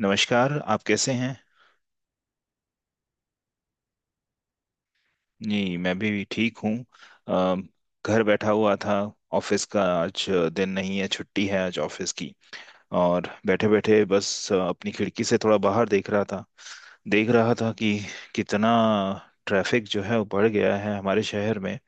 नमस्कार। आप कैसे हैं? जी, मैं भी ठीक हूँ। अ, घर बैठा हुआ था। ऑफिस का आज दिन नहीं है, छुट्टी है आज ऑफिस की। और बैठे बैठे बस अपनी खिड़की से थोड़ा बाहर देख रहा था। देख रहा था कि कितना ट्रैफिक जो है वो बढ़ गया है हमारे शहर में।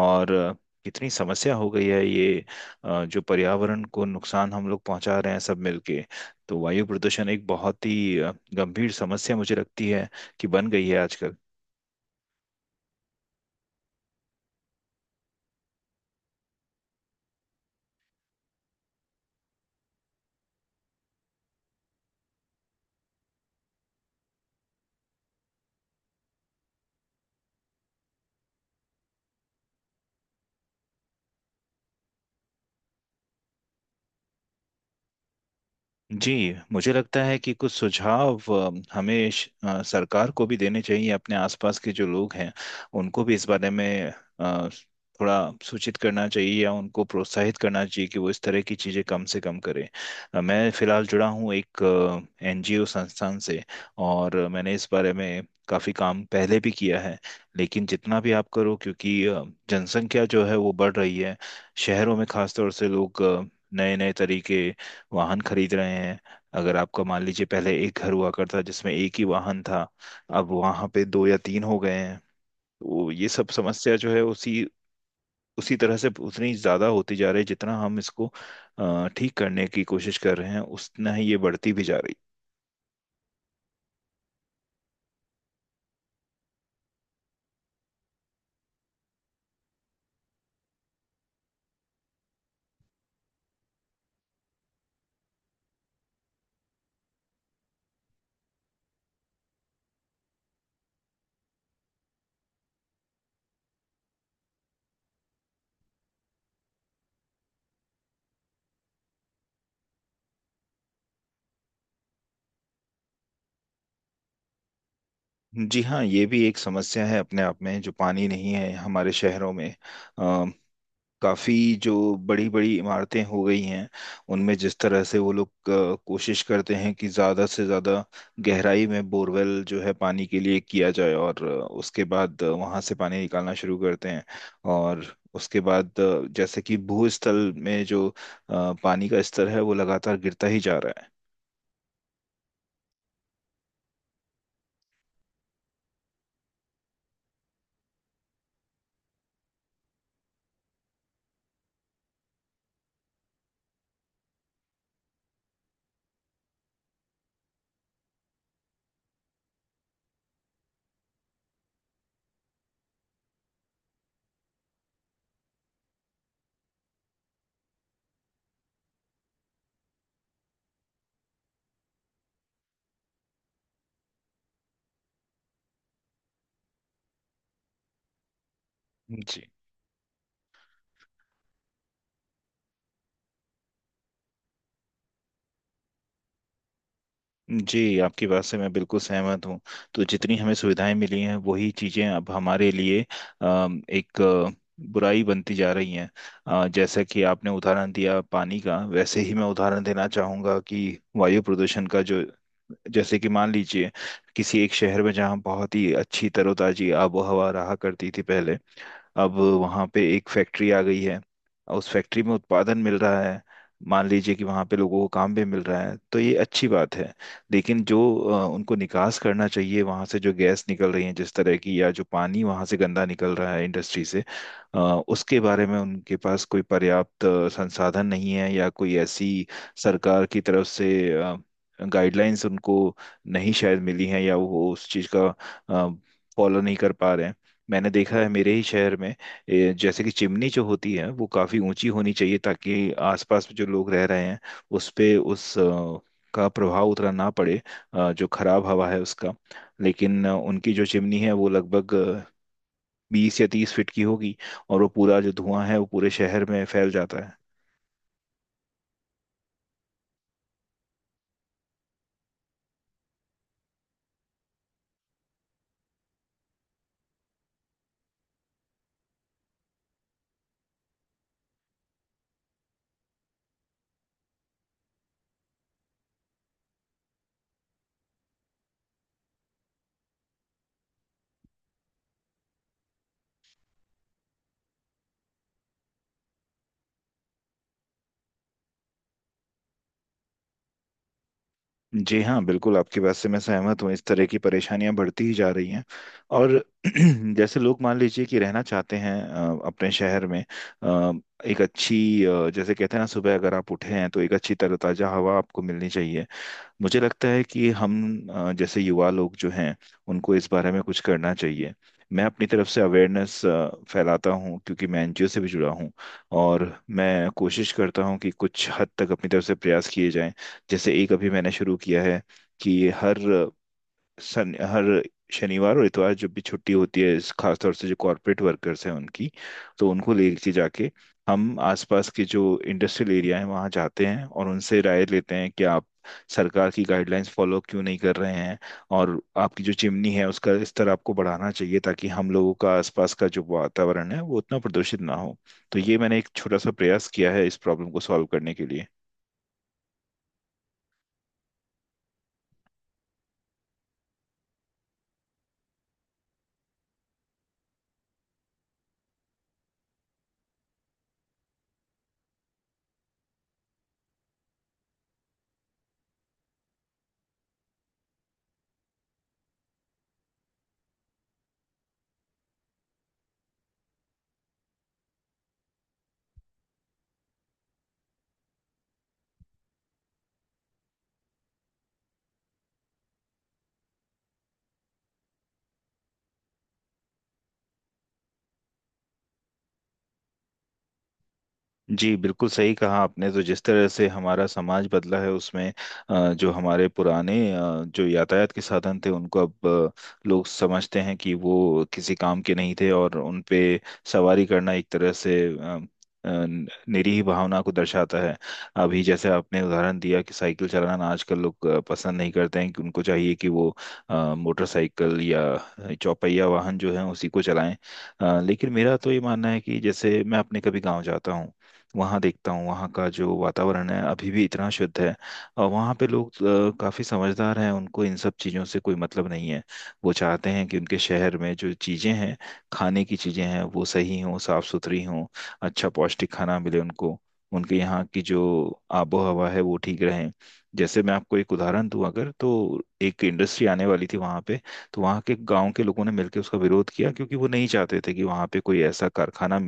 और कितनी समस्या हो गई है ये। जो पर्यावरण को नुकसान हम लोग पहुंचा रहे हैं सब मिलके, तो वायु प्रदूषण एक बहुत ही गंभीर समस्या मुझे लगती है कि बन गई है आजकल। जी, मुझे लगता है कि कुछ सुझाव हमें सरकार को भी देने चाहिए। अपने आसपास के जो लोग हैं उनको भी इस बारे में अ, थोड़ा सूचित करना चाहिए या उनको प्रोत्साहित करना चाहिए कि वो इस तरह की चीज़ें कम से कम करें। मैं फ़िलहाल जुड़ा हूँ एक एनजीओ संस्थान से, और मैंने इस बारे में काफ़ी काम पहले भी किया है। लेकिन जितना भी आप करो, क्योंकि जनसंख्या जो है वो बढ़ रही है। शहरों में खासतौर से लोग नए नए तरीके वाहन खरीद रहे हैं। अगर आपका मान लीजिए, पहले एक घर हुआ करता जिसमें एक ही वाहन था, अब वहां पे दो या तीन हो गए हैं। तो ये सब समस्या जो है उसी उसी तरह से उतनी ज्यादा होती जा रही है, जितना हम इसको ठीक करने की कोशिश कर रहे हैं उतना ही ये बढ़ती भी जा रही है। जी हाँ, ये भी एक समस्या है अपने आप में, जो पानी नहीं है हमारे शहरों में। काफी जो बड़ी बड़ी इमारतें हो गई हैं उनमें जिस तरह से वो लोग कोशिश करते हैं कि ज्यादा से ज्यादा गहराई में बोरवेल जो है पानी के लिए किया जाए, और उसके बाद वहां से पानी निकालना शुरू करते हैं। और उसके बाद जैसे कि भूस्थल में जो पानी का स्तर है वो लगातार गिरता ही जा रहा है। जी। जी, आपकी बात से मैं बिल्कुल सहमत हूँ। तो जितनी हमें सुविधाएं मिली हैं वही चीज़ें अब हमारे लिए एक बुराई बनती जा रही हैं। जैसा कि आपने उदाहरण दिया पानी का, वैसे ही मैं उदाहरण देना चाहूँगा कि वायु प्रदूषण का जो, जैसे कि मान लीजिए किसी एक शहर में जहाँ बहुत ही अच्छी तरोताजी आबो हवा रहा करती थी पहले, अब वहाँ पे एक फैक्ट्री आ गई है और उस फैक्ट्री में उत्पादन मिल रहा है। मान लीजिए कि वहाँ पे लोगों को काम भी मिल रहा है, तो ये अच्छी बात है। लेकिन जो उनको निकास करना चाहिए वहाँ से, जो गैस निकल रही है जिस तरह की, या जो पानी वहाँ से गंदा निकल रहा है इंडस्ट्री से, अ, उसके बारे में उनके पास कोई पर्याप्त संसाधन नहीं है, या कोई ऐसी सरकार की तरफ से गाइडलाइंस उनको नहीं शायद मिली हैं, या वो उस चीज़ का फॉलो नहीं कर पा रहे हैं। मैंने देखा है मेरे ही शहर में, जैसे कि चिमनी जो होती है वो काफी ऊंची होनी चाहिए, ताकि आसपास में जो लोग रह रहे हैं उस पे का प्रभाव उतना ना पड़े, जो खराब हवा है उसका। लेकिन उनकी जो चिमनी है वो लगभग 20 या 30 फीट की होगी, और वो पूरा जो धुआं है वो पूरे शहर में फैल जाता है। जी हाँ, बिल्कुल आपकी बात से मैं सहमत हूँ, इस तरह की परेशानियां बढ़ती ही जा रही हैं। और जैसे लोग मान लीजिए कि रहना चाहते हैं अपने शहर में, अ, एक अच्छी जैसे कहते हैं ना, सुबह अगर आप उठे हैं तो एक अच्छी तरोताजा हवा आपको मिलनी चाहिए। मुझे लगता है कि हम जैसे युवा लोग जो हैं उनको इस बारे में कुछ करना चाहिए। मैं अपनी तरफ से अवेयरनेस फैलाता हूँ, क्योंकि मैं एनजीओ से भी जुड़ा हूँ, और मैं कोशिश करता हूँ कि कुछ हद तक अपनी तरफ से प्रयास किए जाएं। जैसे एक अभी मैंने शुरू किया है कि हर सन हर शनिवार और इतवार जब भी छुट्टी होती है, इस खासतौर से जो कॉरपोरेट वर्कर्स हैं उनकी, तो उनको लेके जाके हम आसपास के जो इंडस्ट्रियल एरिया हैं वहाँ जाते हैं, और उनसे राय लेते हैं कि आप सरकार की गाइडलाइंस फॉलो क्यों नहीं कर रहे हैं, और आपकी जो चिमनी है उसका स्तर आपको बढ़ाना चाहिए, ताकि हम लोगों का आसपास का जो वातावरण है वो उतना प्रदूषित ना हो। तो ये मैंने एक छोटा सा प्रयास किया है इस प्रॉब्लम को सॉल्व करने के लिए। जी, बिल्कुल सही कहा आपने। तो जिस तरह से हमारा समाज बदला है उसमें जो हमारे पुराने जो यातायात के साधन थे उनको अब लोग समझते हैं कि वो किसी काम के नहीं थे, और उन पे सवारी करना एक तरह से अ, निरीह भावना को दर्शाता है। अभी जैसे आपने उदाहरण दिया कि साइकिल चलाना आजकल लोग पसंद नहीं करते हैं, कि उनको चाहिए कि वो मोटरसाइकिल या चौपहिया वाहन जो है उसी को चलाएं। लेकिन मेरा तो ये मानना है कि जैसे मैं अपने कभी गांव जाता हूँ, वहाँ देखता हूँ वहाँ का जो वातावरण है अभी भी इतना शुद्ध है। और वहाँ पे लोग काफी समझदार हैं, उनको इन सब चीज़ों से कोई मतलब नहीं है। वो चाहते हैं कि उनके शहर में जो चीज़ें हैं, खाने की चीज़ें हैं वो सही हों, साफ सुथरी हों, अच्छा पौष्टिक खाना मिले उनको, उनके यहाँ की जो आबो हवा है वो ठीक रहे। जैसे मैं आपको एक उदाहरण दूं, अगर तो एक इंडस्ट्री आने वाली थी वहाँ पे, तो वहाँ के गांव के लोगों ने मिलकर उसका विरोध किया, क्योंकि वो नहीं चाहते थे कि वहाँ पे कोई ऐसा कारखाना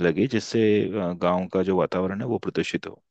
लगे जिससे गांव का जो वातावरण है वो प्रदूषित हो।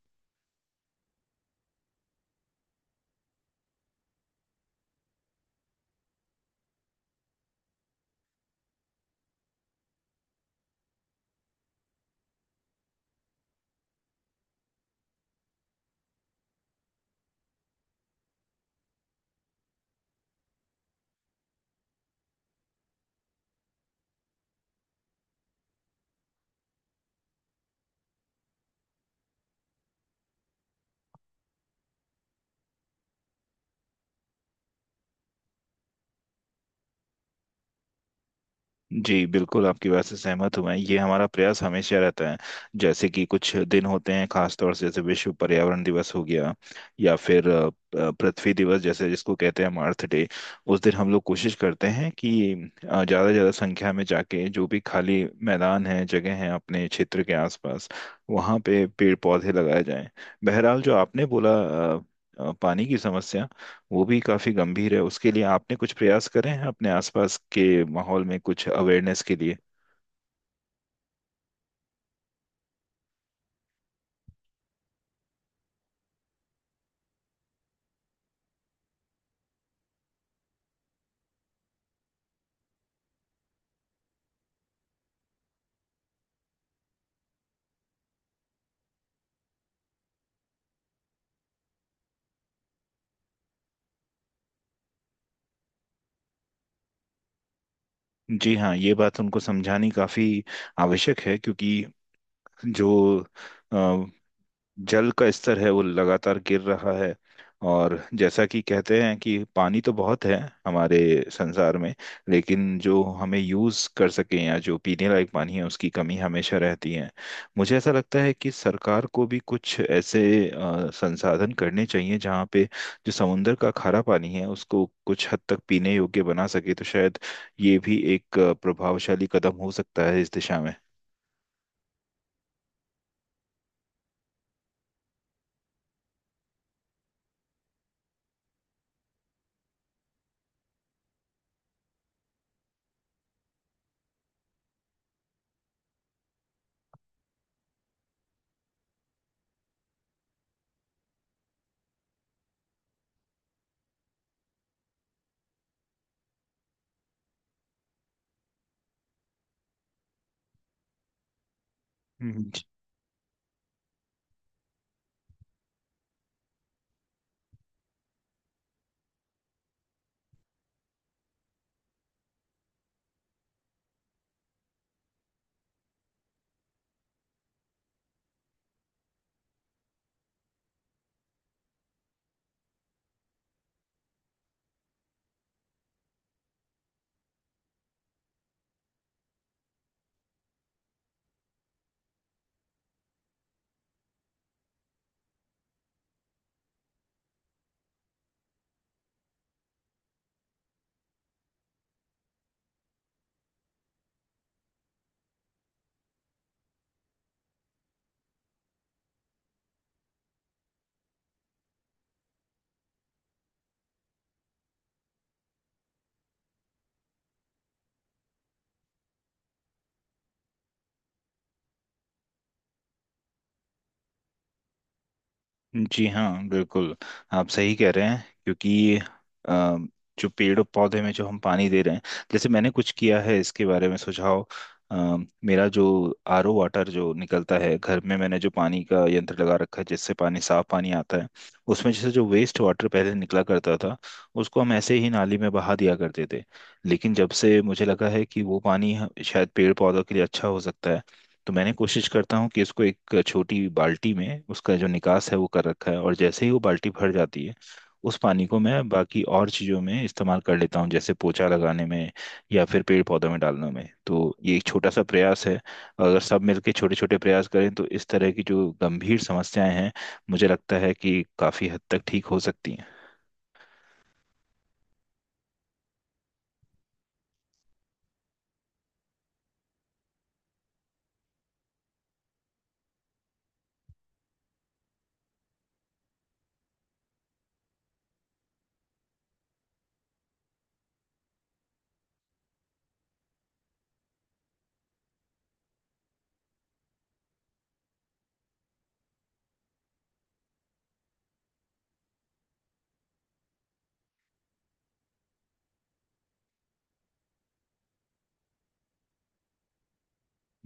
जी, बिल्कुल आपकी बात से सहमत हूं मैं। ये हमारा प्रयास हमेशा रहता है, जैसे कि कुछ दिन होते हैं खास तौर से, जैसे विश्व पर्यावरण दिवस हो गया, या फिर पृथ्वी दिवस, जैसे जिसको कहते हैं हम अर्थ डे, उस दिन हम लोग कोशिश करते हैं कि ज़्यादा से ज़्यादा संख्या में जाके, जो भी खाली मैदान है जगह है अपने क्षेत्र के आसपास, वहाँ पे पेड़ पौधे लगाए जाएं। बहरहाल, जो आपने बोला अ, पानी की समस्या, वो भी काफी गंभीर है। उसके लिए आपने कुछ प्रयास करे हैं अपने आसपास के माहौल में कुछ अवेयरनेस के लिए। जी हाँ, ये बात उनको समझानी काफी आवश्यक है, क्योंकि जो जल का स्तर है वो लगातार गिर रहा है। और जैसा कि कहते हैं कि पानी तो बहुत है हमारे संसार में, लेकिन जो हमें यूज़ कर सकें या जो पीने लायक पानी है उसकी कमी हमेशा रहती है। मुझे ऐसा लगता है कि सरकार को भी कुछ ऐसे संसाधन करने चाहिए जहाँ पे जो समुंदर का खारा पानी है उसको कुछ हद तक पीने योग्य बना सके, तो शायद ये भी एक प्रभावशाली कदम हो सकता है इस दिशा में। हम्म। जी हाँ, बिल्कुल, आप सही कह रहे हैं। क्योंकि जो पेड़ और पौधे में जो हम पानी दे रहे हैं, जैसे मैंने कुछ किया है इसके बारे में सुझाव। अ, मेरा जो आरओ वाटर जो निकलता है घर में, मैंने जो पानी का यंत्र लगा रखा है जिससे पानी, साफ पानी आता है, उसमें जैसे जो वेस्ट वाटर पहले निकला करता था उसको हम ऐसे ही नाली में बहा दिया करते थे। लेकिन जब से मुझे लगा है कि वो पानी शायद पेड़ पौधों के लिए अच्छा हो सकता है, तो मैंने कोशिश करता हूँ कि इसको एक छोटी बाल्टी में, उसका जो निकास है वो कर रखा है, और जैसे ही वो बाल्टी भर जाती है उस पानी को मैं बाकी और चीज़ों में इस्तेमाल कर लेता हूँ, जैसे पोछा लगाने में, या फिर पेड़ पौधों में डालने में। तो ये एक छोटा सा प्रयास है, और अगर सब मिलके छोटे छोटे प्रयास करें तो इस तरह की जो गंभीर समस्याएं हैं, मुझे लगता है कि काफ़ी हद तक ठीक हो सकती हैं।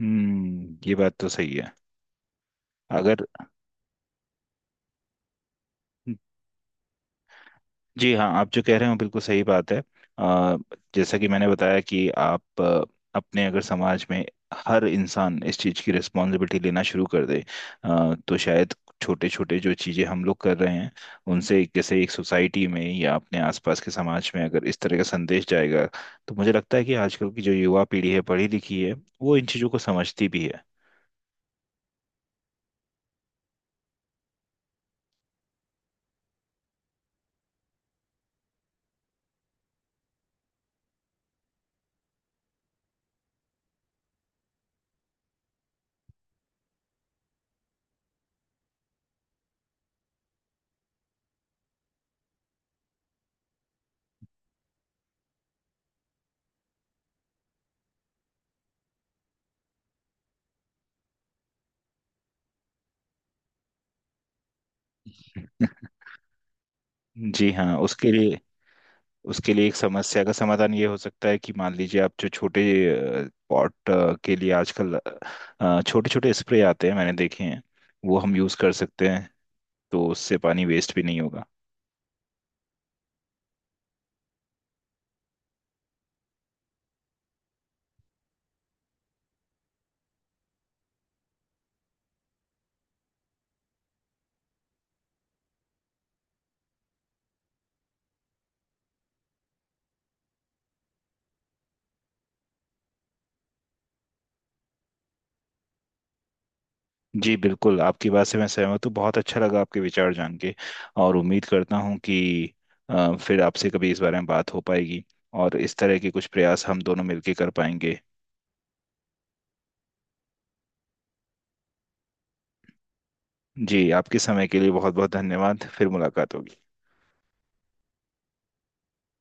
हम्म, ये बात तो सही है। अगर जी हाँ, आप जो कह रहे हो बिल्कुल सही बात है। अ, जैसा कि मैंने बताया कि आप अपने अगर समाज में हर इंसान इस चीज़ की रिस्पॉन्सिबिलिटी लेना शुरू कर दे, तो शायद छोटे छोटे जो चीज़ें हम लोग कर रहे हैं उनसे, जैसे एक सोसाइटी में या अपने आसपास के समाज में अगर इस तरह का संदेश जाएगा, तो मुझे लगता है कि आजकल की जो युवा पीढ़ी है, पढ़ी लिखी है, वो इन चीज़ों को समझती भी है। जी हाँ, उसके लिए एक समस्या का समाधान ये हो सकता है कि मान लीजिए आप जो छोटे पॉट के लिए आजकल छोटे छोटे स्प्रे आते हैं, मैंने देखे हैं, वो हम यूज़ कर सकते हैं, तो उससे पानी वेस्ट भी नहीं होगा। जी बिल्कुल, आपकी बात से मैं सहमत हूँ, बहुत अच्छा लगा आपके विचार जान के। और उम्मीद करता हूँ कि फिर आपसे कभी इस बारे में बात हो पाएगी, और इस तरह के कुछ प्रयास हम दोनों मिलकर कर पाएंगे। जी, आपके समय के लिए बहुत बहुत धन्यवाद, फिर मुलाकात होगी।